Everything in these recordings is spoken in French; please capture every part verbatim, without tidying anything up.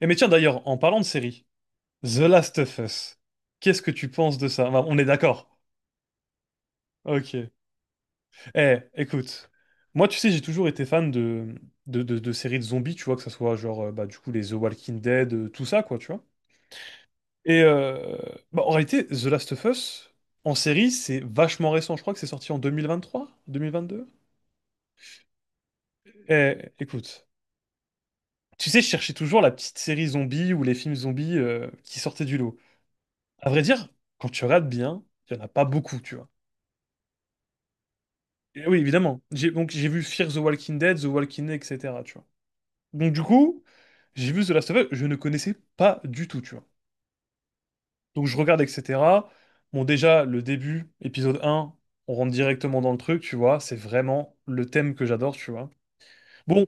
Eh mais tiens d'ailleurs, en parlant de série, The Last of Us, qu'est-ce que tu penses de ça? Enfin, on est d'accord. Ok. Eh, écoute, moi tu sais, j'ai toujours été fan de, de, de- de séries de zombies, tu vois, que ça soit genre euh, bah, du coup les The Walking Dead, euh, tout ça, quoi, tu vois. Et euh, bah, en réalité, The Last of Us, en série, c'est vachement récent. Je crois que c'est sorti en deux deux mille mille vingt trois, vingt deux. Mille vingt-deux. Eh, écoute, tu sais, je cherchais toujours la petite série zombie ou les films zombies euh, qui sortaient du lot. À vrai dire, quand tu regardes bien, il n'y en a pas beaucoup, tu vois. Et oui, évidemment. J'ai donc j'ai vu Fear the Walking Dead, The Walking Dead, et cetera. Tu vois. Donc du coup, j'ai vu The Last of Us, je ne connaissais pas du tout, tu vois. Donc je regarde, et cetera. Bon, déjà, le début, épisode un. On rentre directement dans le truc, tu vois. C'est vraiment le thème que j'adore, tu vois. Bon,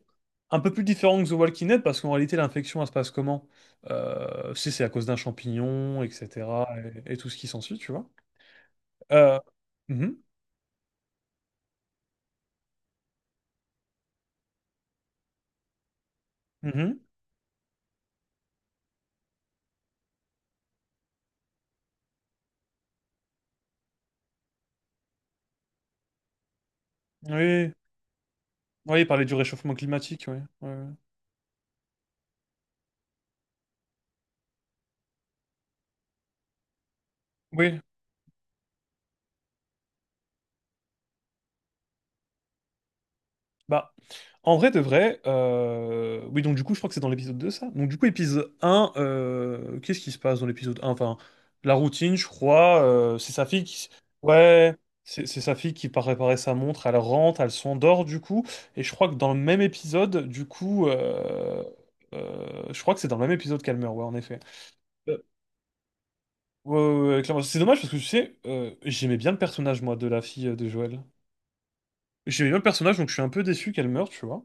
un peu plus différent que The Walking Dead, parce qu'en réalité, l'infection, elle se passe comment? Euh, c'est c'est à cause d'un champignon, et cetera. Et, et tout ce qui s'ensuit, tu vois. Euh, mhm, mhm. Oui, oui, il parlait du réchauffement climatique, oui. Oui. Oui. Oui. Bah, en vrai de vrai, euh, oui, donc du coup, je crois que c'est dans l'épisode deux, ça. Donc du coup, épisode un. Euh, qu'est-ce qui se passe dans l'épisode un? Enfin, la routine, je crois, euh, c'est sa fille qui... Ouais, c'est c'est sa fille qui part réparer sa montre, elle rentre, elle s'endort, du coup, et je crois que dans le même épisode, du coup... euh, euh, je crois que c'est dans le même épisode qu'Almer, ouais, en effet. Euh, ouais, ouais, ouais, clairement. C'est dommage parce que, tu sais, euh, j'aimais bien le personnage, moi, de la fille euh, de Joël. J'aimais bien le personnage, donc je suis un peu déçu qu'elle meure, tu vois.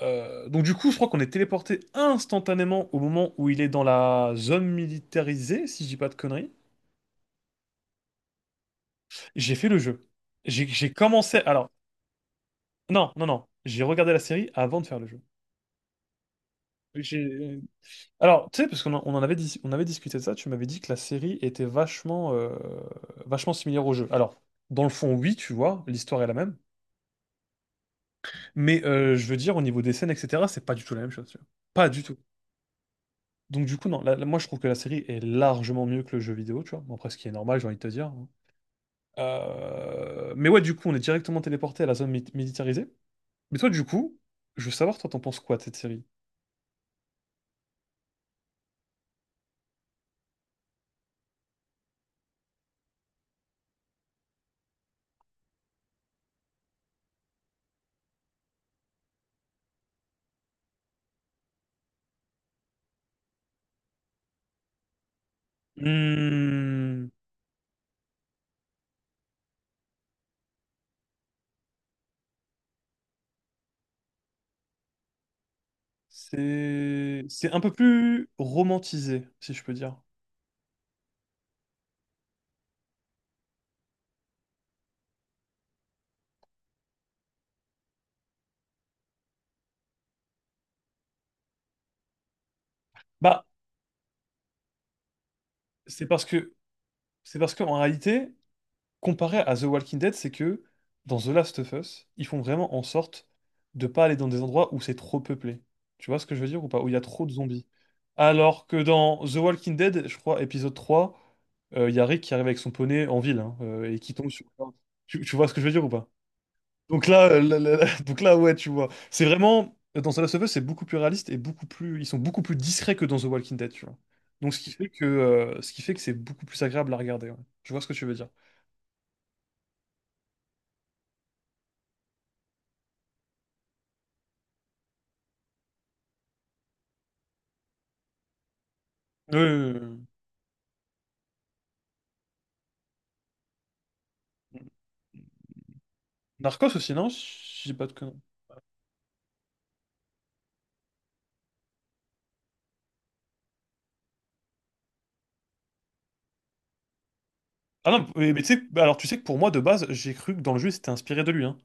Euh, donc du coup, je crois qu'on est téléporté instantanément au moment où il est dans la zone militarisée, si je dis pas de conneries. J'ai fait le jeu. J'ai j'ai commencé... Alors, non, non, non. J'ai regardé la série avant de faire le jeu. J'ai- Alors, tu sais, parce qu'on en on en avait, dis- on avait discuté de ça, tu m'avais dit que la série était vachement, euh, vachement similaire au jeu. Alors, dans le fond, oui, tu vois, l'histoire est la même. Mais euh, je veux dire, au niveau des scènes, et cetera, c'est pas du tout la même chose, tu vois. Pas du tout. Donc du coup, non, la- la- moi je trouve que la série est largement mieux que le jeu vidéo, tu vois. Bon, après, ce qui est normal, j'ai envie de te dire, hein. Euh, mais ouais, du coup, on est directement téléporté à la zone mi- militarisée. Mais toi, du coup, je veux savoir, toi, t'en penses quoi de cette série? Hmm. C'est c'est un peu plus romantisé, si je peux dire. Bah, c'est parce que c'est parce qu'en réalité, comparé à The Walking Dead, c'est que dans The Last of Us, ils font vraiment en sorte de pas aller dans des endroits où c'est trop peuplé. Tu vois ce que je veux dire ou pas? Où il y a trop de zombies. Alors que dans The Walking Dead, je crois, épisode trois, euh, il y a Rick qui arrive avec son poney en ville, hein, euh, et qui tombe sur... Tu, tu vois ce que je veux dire ou pas? Donc là, euh, là, là, là, donc là, ouais, tu vois. C'est vraiment... Dans The Last of Us, c'est beaucoup plus réaliste et beaucoup plus... Ils sont beaucoup plus discrets que dans The Walking Dead, tu vois. Donc ce qui fait que, euh, ce qui fait que c'est beaucoup plus agréable à regarder, ouais. Je vois ce que tu veux dire. Oui, Narcos aussi, non? Je dis pas de conneries. Ah non, mais, mais tu sais, bah alors tu sais que pour moi, de base, j'ai cru que dans le jeu, c'était inspiré de lui, hein.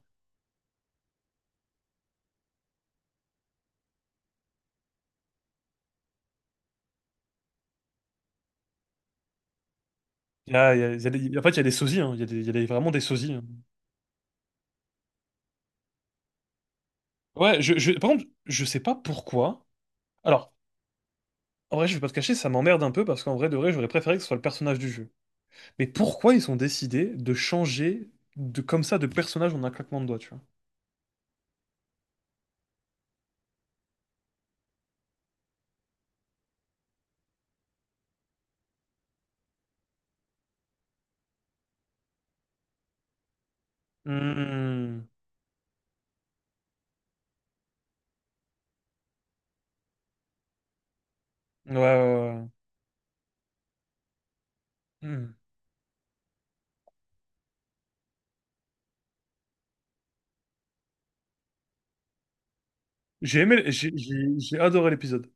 Il y a- il y a- il y a des- en fait, il y a des sosies, hein. Il y a des- il y a des- vraiment des sosies, hein. Ouais, je, je- par contre, je sais pas pourquoi. Alors, en vrai, je vais pas te cacher, ça m'emmerde un peu parce qu'en vrai, de vrai, j'aurais préféré que ce soit le personnage du jeu. Mais pourquoi ils ont décidé de changer de, comme ça de personnage en un claquement de doigts, tu vois? Hmm. Ouais, ouais, ouais. Hmm. J'ai aimé, j'ai j'ai- j'ai adoré l'épisode.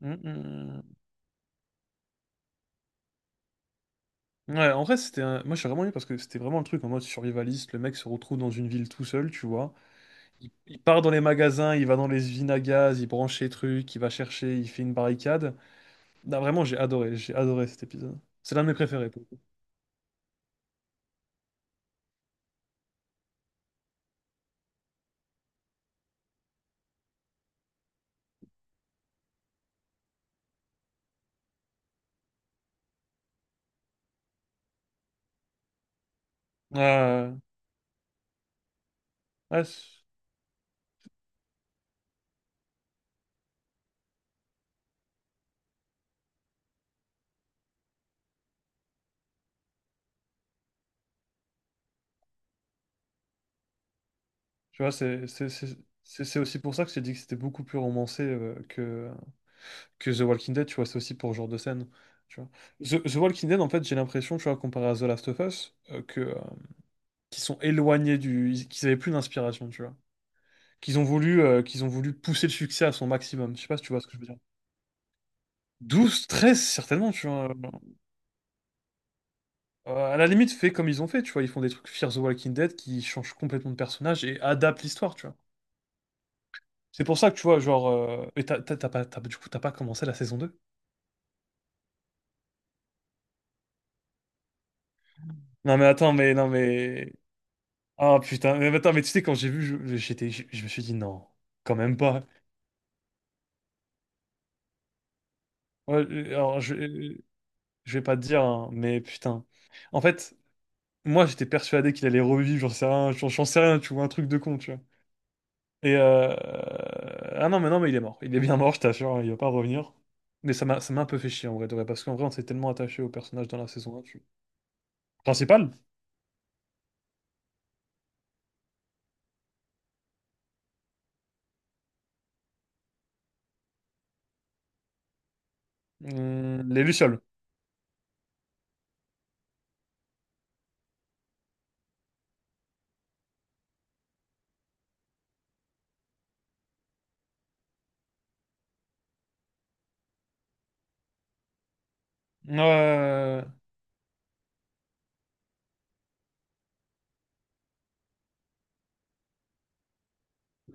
Hmm, hmm. Ouais, en vrai, c'était un... Moi, j'ai vraiment aimé parce que c'était vraiment le truc en mode survivaliste. Le mec se retrouve dans une ville tout seul, tu vois. Il, il part dans les magasins, il va dans les usines à gaz, il branche les trucs, il va chercher, il fait une barricade. Non, vraiment, j'ai adoré, j'ai adoré cet épisode. C'est l'un de mes préférés, pour le coup. Euh, ouais, ouais, c'est- tu vois, c'est c'est- c'est- c'est- c'est aussi pour ça que j'ai dit que c'était beaucoup plus romancé euh, que, que The Walking Dead, tu vois. C'est aussi pour ce genre de scène, tu vois. The, The Walking Dead, en fait, j'ai l'impression, tu vois, comparé à The Last of Us, euh, que, euh, qui sont éloignés du... ils- qu'ils avaient plus d'inspiration, tu vois. Qu'ils ont voulu, euh, qu'ils ont voulu pousser le succès à son maximum. Je sais pas si tu vois ce que je veux dire. Douze, treize certainement, tu vois. Euh, à la limite, fais comme ils ont fait, tu vois. Ils font des trucs Fear the Walking Dead qui changent complètement de personnage et adaptent l'histoire, tu vois. C'est pour ça que tu vois, genre, euh, et t'as t'as- t'as pas, t'as- du coup, t'as pas commencé la saison deux? Non, mais attends, mais. Non, mais. Ah putain, mais attends, mais tu sais, quand j'ai vu, je- j'étais, je, je me suis dit, non, quand même pas. Ouais, euh, alors, je, euh, je vais pas te dire, hein, mais putain. En fait. Moi, j'étais persuadé qu'il allait revivre, j'en sais rien, j'en j'en sais rien, tu vois, un truc de con, tu vois. Et euh... Ah non, mais non, mais il est mort. Il est bien mort, je t'assure, hein, il va pas revenir. Mais ça m'a ça m'a un peu fait chier, en vrai, de vrai, parce qu'en vrai, on s'est tellement attaché au personnage dans la saison un. tu- Principal? Hum, les Lucioles. Euh...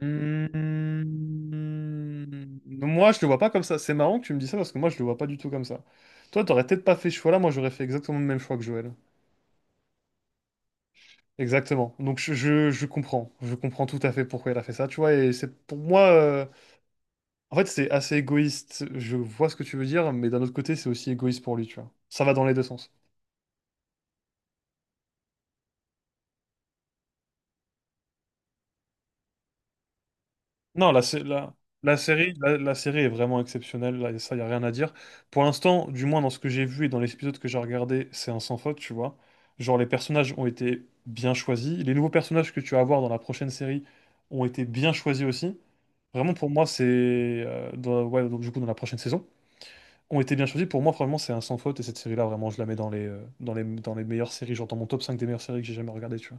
hum, Moi, je le vois pas comme ça. C'est marrant que tu me dis ça, parce que moi, je le vois pas du tout comme ça. Toi, t'aurais peut-être pas fait ce choix-là, moi, j'aurais fait exactement le même choix que Joël. Exactement. Donc je, je, je comprends. Je comprends tout à fait pourquoi elle a fait ça, tu vois. Et c'est pour moi, euh, en fait, c'est assez égoïste. Je vois ce que tu veux dire, mais d'un autre côté, c'est aussi égoïste pour lui, tu vois. Ça va dans les deux sens. Non, la, sé- la, la série, la, la série est vraiment exceptionnelle. Là, ça, y a rien à dire. Pour l'instant, du moins dans ce que j'ai vu et dans les épisodes que j'ai regardés, c'est un sans faute, tu vois. Genre les personnages ont été bien choisis. Les nouveaux personnages que tu vas avoir dans la prochaine série ont été bien choisis aussi. Vraiment, pour moi, c'est euh, dans- ouais, donc, du coup dans la prochaine saison. Ont été bien choisis. Pour moi, franchement, c'est un sans faute. Et cette série-là, vraiment, je la mets dans les, euh, dans les, dans les meilleures séries. Genre dans mon top cinq des meilleures séries que j'ai jamais regardées, tu